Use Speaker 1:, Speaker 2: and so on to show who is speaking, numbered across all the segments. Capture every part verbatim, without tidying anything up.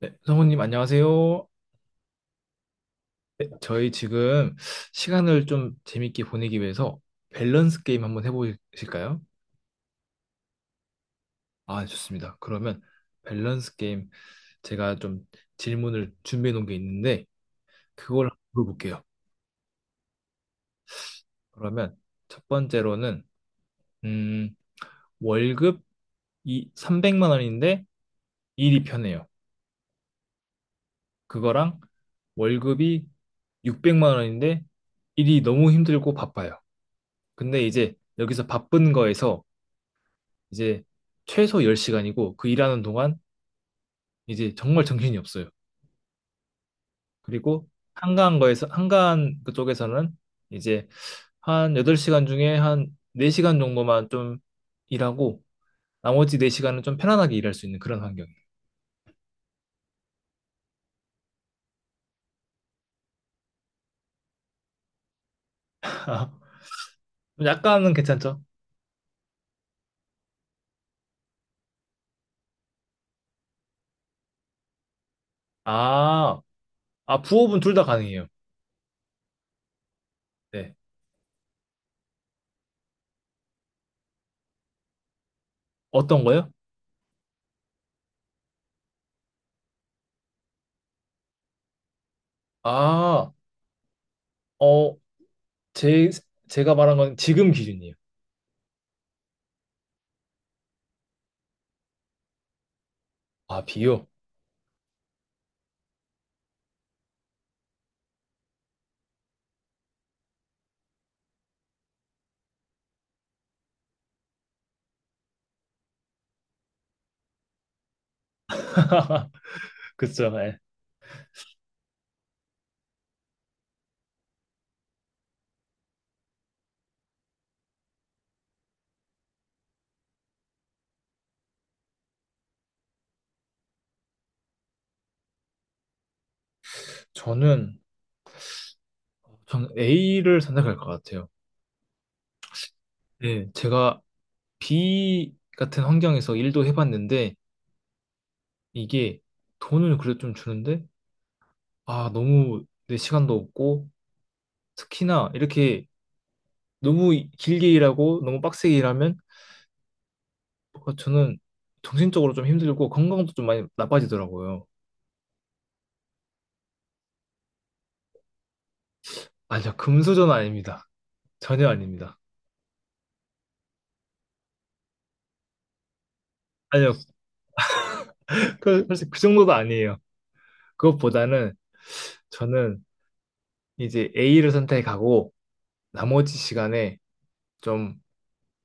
Speaker 1: 네, 성우님 안녕하세요. 네, 저희 지금 시간을 좀 재밌게 보내기 위해서 밸런스 게임 한번 해보실까요? 아, 좋습니다. 그러면 밸런스 게임 제가 좀 질문을 준비해 놓은 게 있는데 그걸 한번 물어볼게요. 그러면 첫 번째로는 음, 월급 이 삼백만 원인데 일이 편해요. 그거랑 월급이 육백만 원인데 일이 너무 힘들고 바빠요. 근데 이제 여기서 바쁜 거에서 이제 최소 열 시간이고 그 일하는 동안 이제 정말 정신이 없어요. 그리고 한가한 거에서 한가한 그쪽에서는 이제 한 여덟 시간 중에 한 네 시간 정도만 좀 일하고 나머지 네 시간은 좀 편안하게 일할 수 있는 그런 환경이에요. 약간은 괜찮죠? 아, 아 부업은 둘 다 가능해요. 네. 어떤 거요? 아, 어, 제 제가 말한 건 지금 기준이에요. 아, 비요? 그쵸. 예. 저는 전 A를 선택할 것 같아요. 네, 제가 B 같은 환경에서 일도 해봤는데 이게 돈은 그래도 좀 주는데 아 너무 내 시간도 없고 특히나 이렇게 너무 길게 일하고 너무 빡세게 일하면 뭔가 저는 정신적으로 좀 힘들고 건강도 좀 많이 나빠지더라고요. 아니요, 금수저는 아닙니다. 전혀 아닙니다. 아니요, 그, 사실 그 정도도 아니에요. 그것보다는 저는 이제 A를 선택하고 나머지 시간에 좀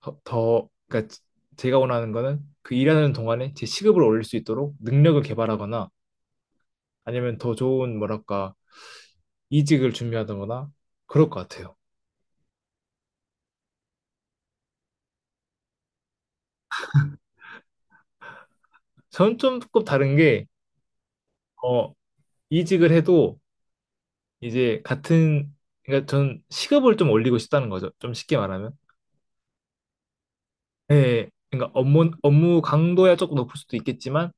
Speaker 1: 더, 더- 그러니까 제가 원하는 거는 그 일하는 동안에 제 시급을 올릴 수 있도록 능력을 개발하거나 아니면 더 좋은 뭐랄까 이직을 준비하거나 그럴 것 같아요. 저는 좀 조금 다른 게 어, 이직을 해도 이제 같은 그러니까 전 시급을 좀 올리고 싶다는 거죠. 좀 쉽게 말하면. 네, 그러니까 업무 업무 강도야 조금 높을 수도 있겠지만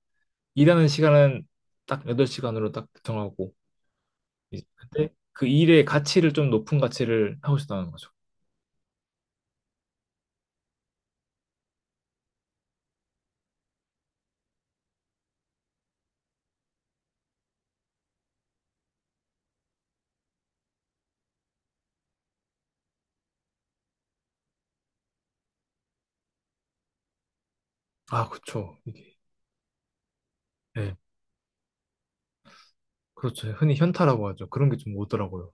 Speaker 1: 일하는 시간은 딱 여덟 시간으로 딱 정하고 이제 그때 그 일의 가치를 좀 높은 가치를 하고 싶다는 거죠. 아, 그쵸. 이게. 예, 그렇죠. 흔히 현타라고 하죠. 그런 게 좀 오더라고요.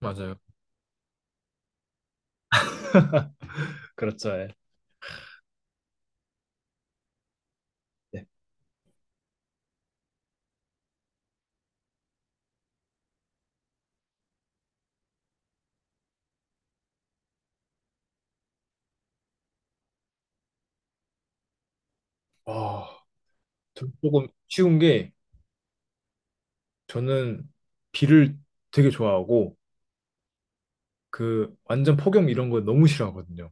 Speaker 1: 맞아요. 그렇죠. 예. 네. 아, 좀 조금 쉬운 게 저는 비를 되게 좋아하고 그 완전 폭염 이런 거 너무 싫어하거든요.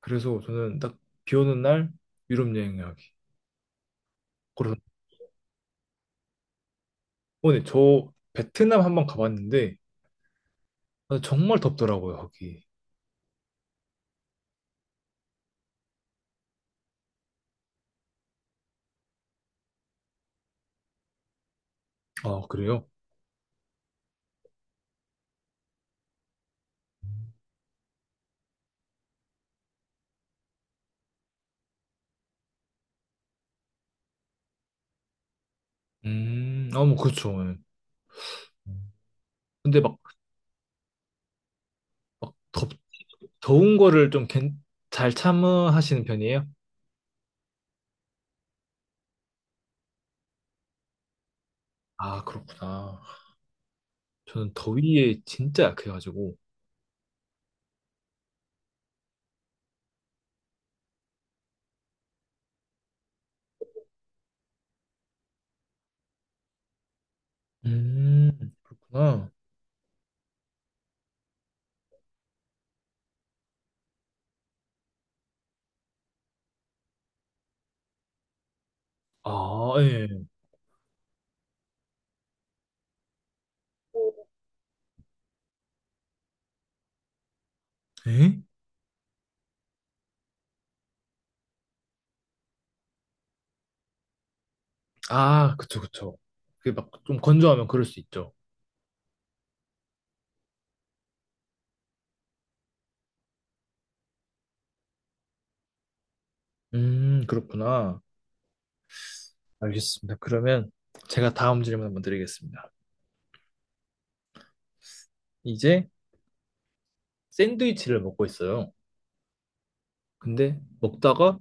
Speaker 1: 그래서 저는 딱 비 오는 날 유럽 여행하기. 그런 오늘 저 베트남 한번 가봤는데 아, 정말 덥더라고요, 거기. 아, 그래요? 음, 아, 뭐 그렇죠. 예. 근데 막 막 덥, 더운 거를 좀 잘 참으시는 편이에요? 아, 그렇구나. 저는 더위에 진짜 약해가지고. 음, 그렇구나. 아, 예. 에? 아, 그쵸, 그쵸. 그게 막 좀 건조하면 그럴 수 있죠. 음, 그렇구나. 알겠습니다. 그러면 제가 다음 질문 한번 드리겠습니다. 이제 샌드위치를 먹고 있어요. 근데 먹다가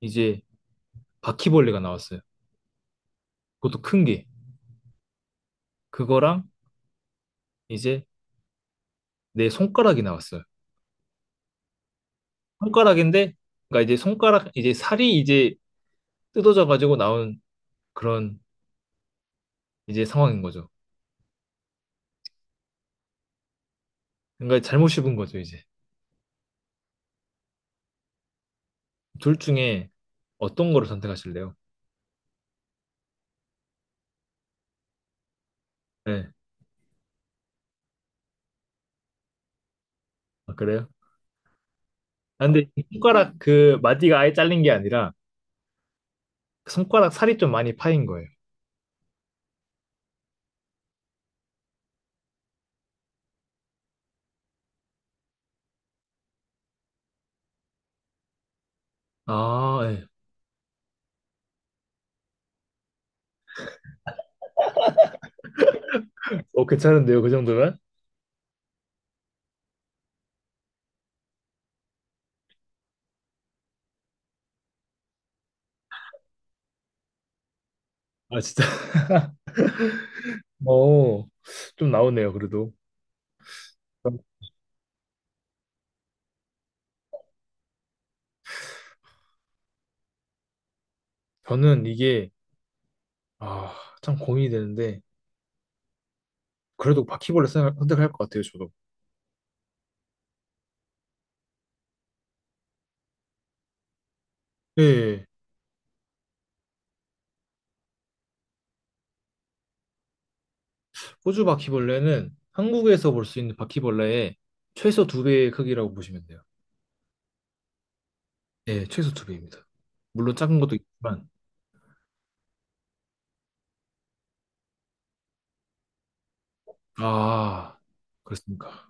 Speaker 1: 이제 바퀴벌레가 나왔어요. 그것도 큰 게. 그거랑 이제 내 손가락이 나왔어요. 손가락인데, 그러니까 이제 손가락, 이제 살이 이제 뜯어져 가지고 나온 그런 이제 상황인 거죠. 그러니까 잘못 씹은 거죠, 이제. 둘 중에 어떤 거를 선택하실래요? 네. 아, 그래요? 아, 근데 이 손가락 그 마디가 아예 잘린 게 아니라 그 손가락 살이 좀 많이 파인 거예요. 아, 예. 어, 괜찮은데요, 그 정도면? 아, 진짜. 어, 좀 나오네요, 그래도. 저는 이게, 아, 참 고민이 되는데, 그래도 바퀴벌레 선택- 선택할 것 같아요, 저도. 예. 예. 호주 바퀴벌레는 한국에서 볼 수 있는 바퀴벌레의 최소 두 배의 크기라고 보시면 돼요. 예, 최소 두 배입니다. 물론 작은 것도 있지만, 아, 그렇습니까.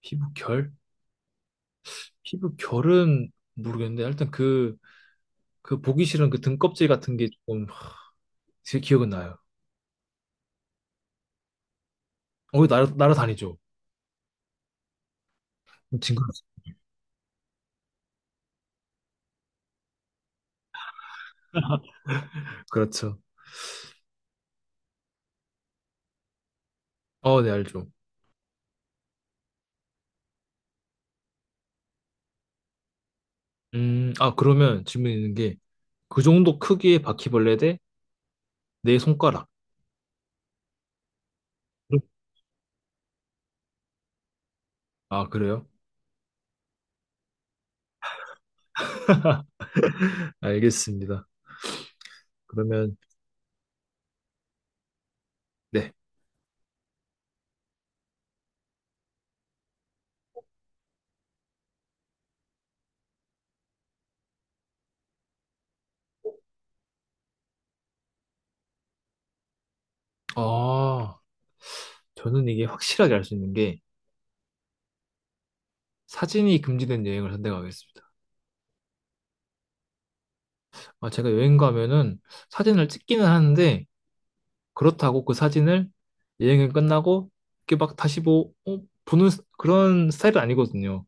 Speaker 1: 피부결? 피부결은 모르겠는데, 일단 그, 그 보기 싫은 그 등껍질 같은 게 조금 제 기억은 나요. 어, 날아, 날아다니죠. 징그 그렇죠. 어, 네, 알죠. 음, 아, 그러면 질문 있는 게, 그 정도 크기의 바퀴벌레 대 내 손가락. 아, 그래요? 알겠습니다. 그러면, 네. 아, 저는 이게 확실하게 알 수 있는 게 사진이 금지된 여행을 선택하겠습니다. 아, 제가 여행 가면은 사진을 찍기는 하는데 그렇다고 그 사진을 여행이 끝나고 이렇게 막 다시 뭐 어, 보는 스- 그런 스타일은 아니거든요.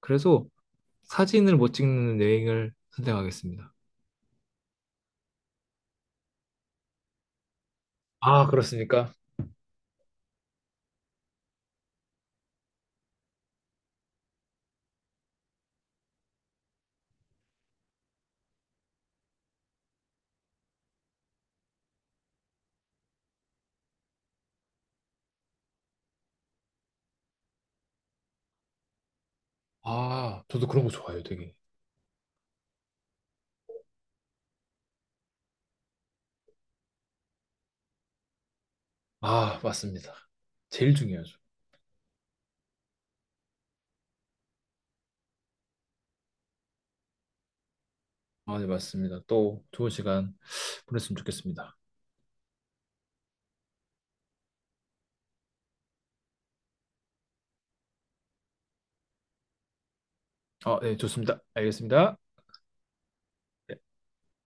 Speaker 1: 그래서 사진을 못 찍는 여행을 선택하겠습니다. 아, 그렇습니까? 아, 저도 그런 거 좋아해요, 되게. 아, 맞습니다. 제일 중요하죠. 아, 네, 맞습니다. 또 좋은 시간 보냈으면 좋겠습니다. 아, 네, 좋습니다. 알겠습니다.